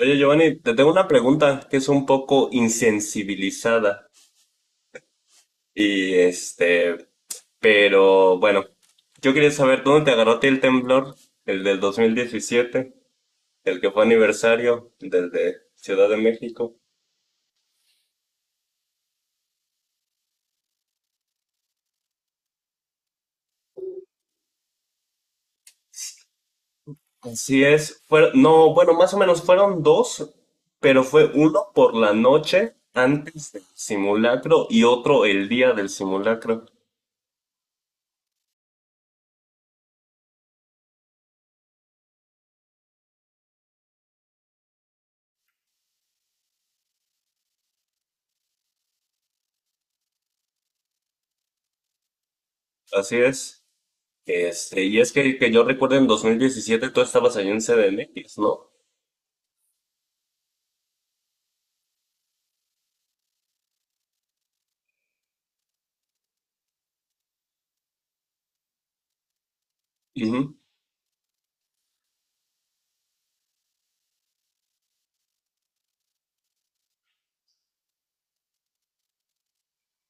Oye, Giovanni, te tengo una pregunta que es un poco insensibilizada y pero bueno, yo quería saber dónde te agarró a ti el temblor, el del 2017, el que fue aniversario del de Ciudad de México. Así es, fueron, no, bueno, más o menos fueron dos, pero fue uno por la noche antes del simulacro y otro el día del simulacro. Así es. Y es que, yo recuerdo en 2017 tú estabas allí en C D M X, ¿no? Ujú.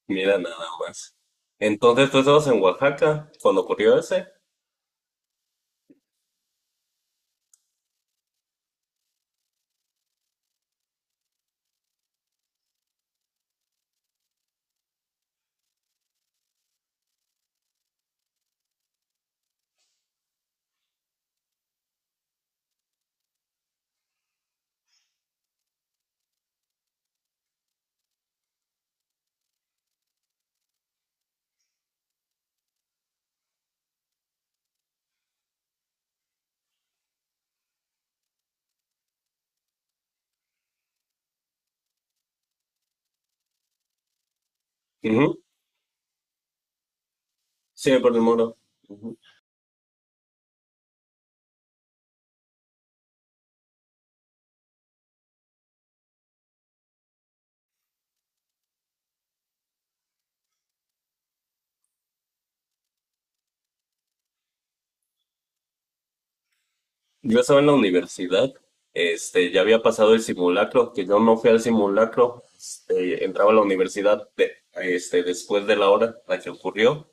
Mira nada más. Entonces tú estabas en Oaxaca cuando ocurrió ese. Ujú. Sí, por el muro. Ujú. Yo estaba en la universidad. Ya había pasado el simulacro, que yo no fui al simulacro. Entraba a la universidad después de la hora la que ocurrió.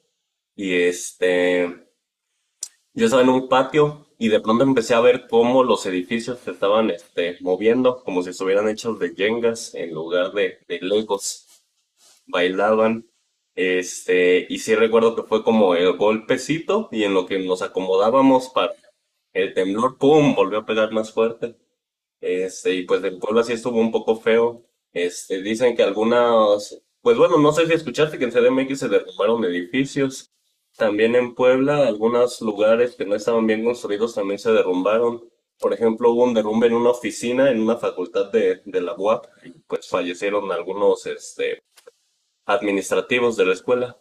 Y yo estaba en un patio y de pronto empecé a ver cómo los edificios se estaban moviendo, como si estuvieran hechos de yengas en lugar de, legos. Bailaban. Y sí recuerdo que fue como el golpecito y en lo que nos acomodábamos para el temblor, ¡pum!, volvió a pegar más fuerte. Y pues del Puebla sí estuvo un poco feo. Dicen que algunas, pues bueno, no sé si escuchaste que en CDMX se derrumbaron edificios. También en Puebla, algunos lugares que no estaban bien construidos también se derrumbaron. Por ejemplo, hubo un derrumbe en una oficina en una facultad de, la UAP, y pues fallecieron algunos, administrativos de la escuela.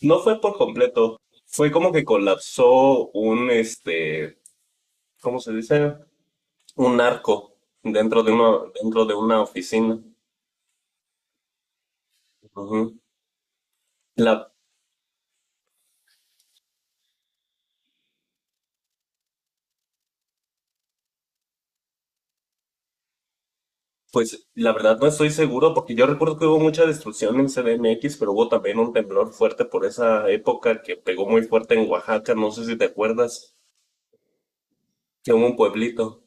No fue por completo, fue como que colapsó un, ¿cómo se dice? Un narco dentro de una, oficina. Ujú. La, pues la verdad no estoy seguro porque yo recuerdo que hubo mucha destrucción en CDMX, pero hubo también un temblor fuerte por esa época que pegó muy fuerte en Oaxaca, no sé si te acuerdas, que hubo un pueblito.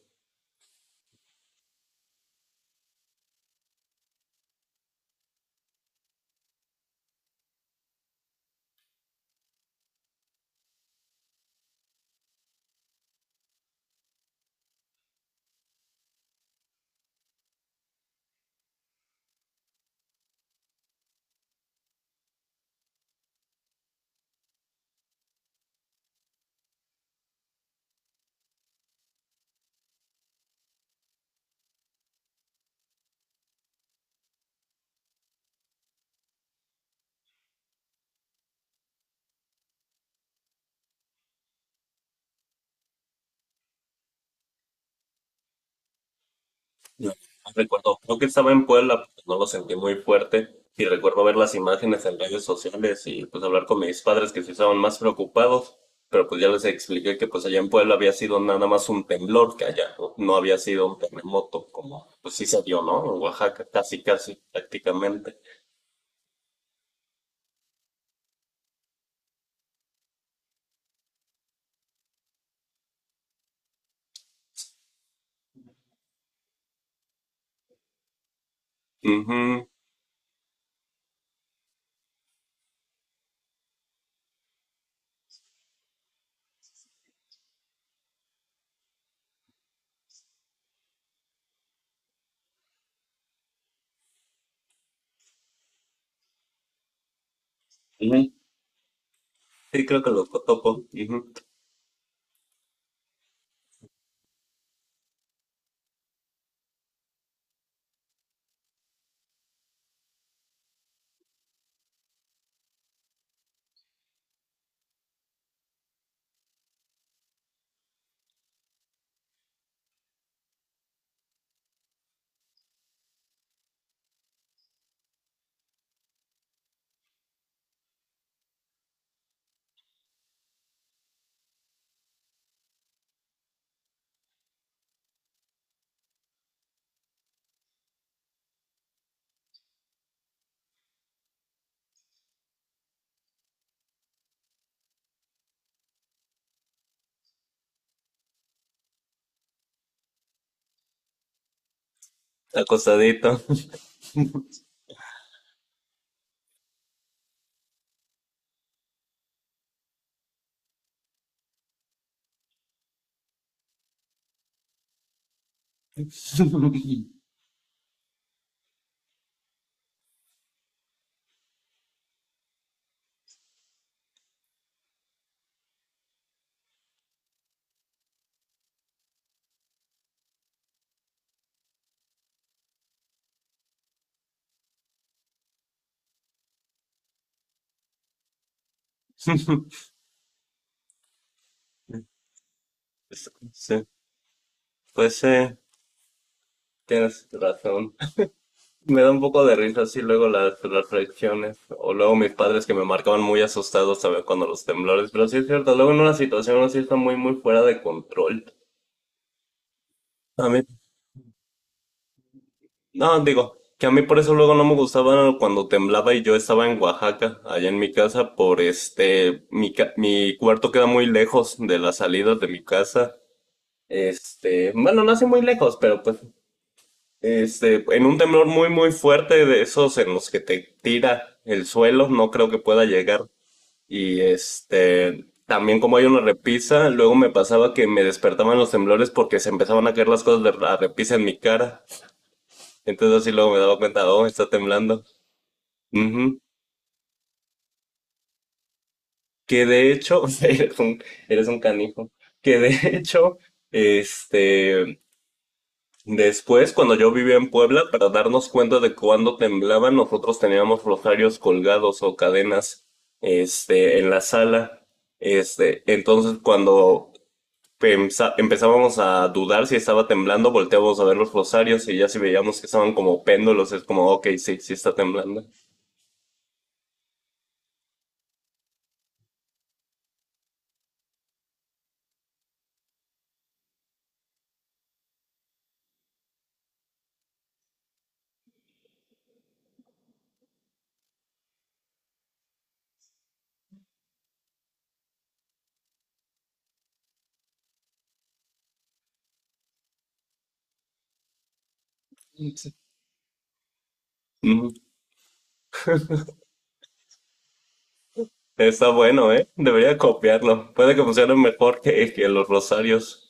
No, no recuerdo, creo que estaba en Puebla, pues, no lo sentí muy fuerte y recuerdo ver las imágenes en redes sociales y pues hablar con mis padres que sí estaban más preocupados, pero pues ya les expliqué que pues allá en Puebla había sido nada más un temblor, que allá no, no había sido un terremoto como pues sí se dio, ¿no? En Oaxaca, casi, casi, prácticamente. Ujú, ujú. Sí, creo que lo topo, ujú. Acostadito. Sí, pues sí, tienes razón. Me da un poco de risa así luego las, reacciones, o luego mis padres que me marcaban muy asustados, ¿sabes? Cuando los temblores, pero sí es cierto, luego en una situación así está muy, muy fuera de control. A mí, no, digo, que a mí por eso luego no me gustaba cuando temblaba y yo estaba en Oaxaca, allá en mi casa, por mi cuarto queda muy lejos de las salidas de mi casa, bueno, no así muy lejos, pero pues en un temblor muy, muy fuerte de esos en los que te tira el suelo, no creo que pueda llegar. Y también como hay una repisa, luego me pasaba que me despertaban los temblores porque se empezaban a caer las cosas de la repisa en mi cara. Entonces así luego me daba cuenta, oh, está temblando. Ujú. Que de hecho, eres un canijo. Que de hecho, este, después cuando yo vivía en Puebla, para darnos cuenta de cuándo temblaba, nosotros teníamos rosarios colgados o cadenas, en la sala. Entonces cuando empezábamos a dudar si estaba temblando, volteábamos a ver los rosarios y ya si veíamos que estaban como péndulos, es como, ok, sí, sí está temblando. Ujú. Está bueno, ¿eh? Debería copiarlo. Puede que funcione mejor que, los rosarios.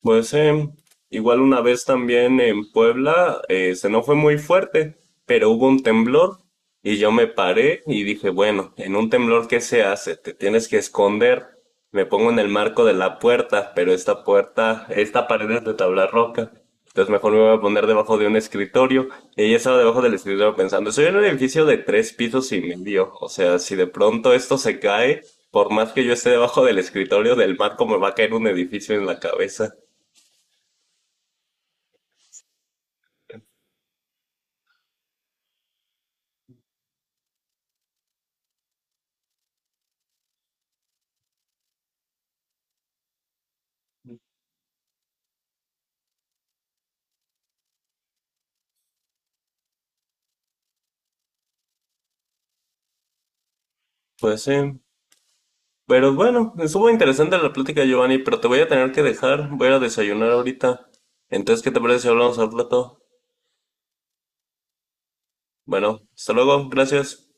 Pues igual una vez también en Puebla, se no fue muy fuerte, pero hubo un temblor y yo me paré y dije, bueno, en un temblor, ¿qué se hace? Te tienes que esconder. Me pongo en el marco de la puerta, pero esta puerta, esta pared es de tabla roca. Entonces mejor me voy a poner debajo de un escritorio. Y ella estaba debajo del escritorio pensando, soy en un edificio de tres pisos y medio. O sea, si de pronto esto se cae, por más que yo esté debajo del escritorio del marco, me va a caer un edificio en la cabeza. Pues sí. Pero bueno, estuvo interesante la plática, Giovanni, pero te voy a tener que dejar. Voy a ir a desayunar ahorita. Entonces, ¿qué te parece si hablamos al plato? Bueno, hasta luego. Gracias.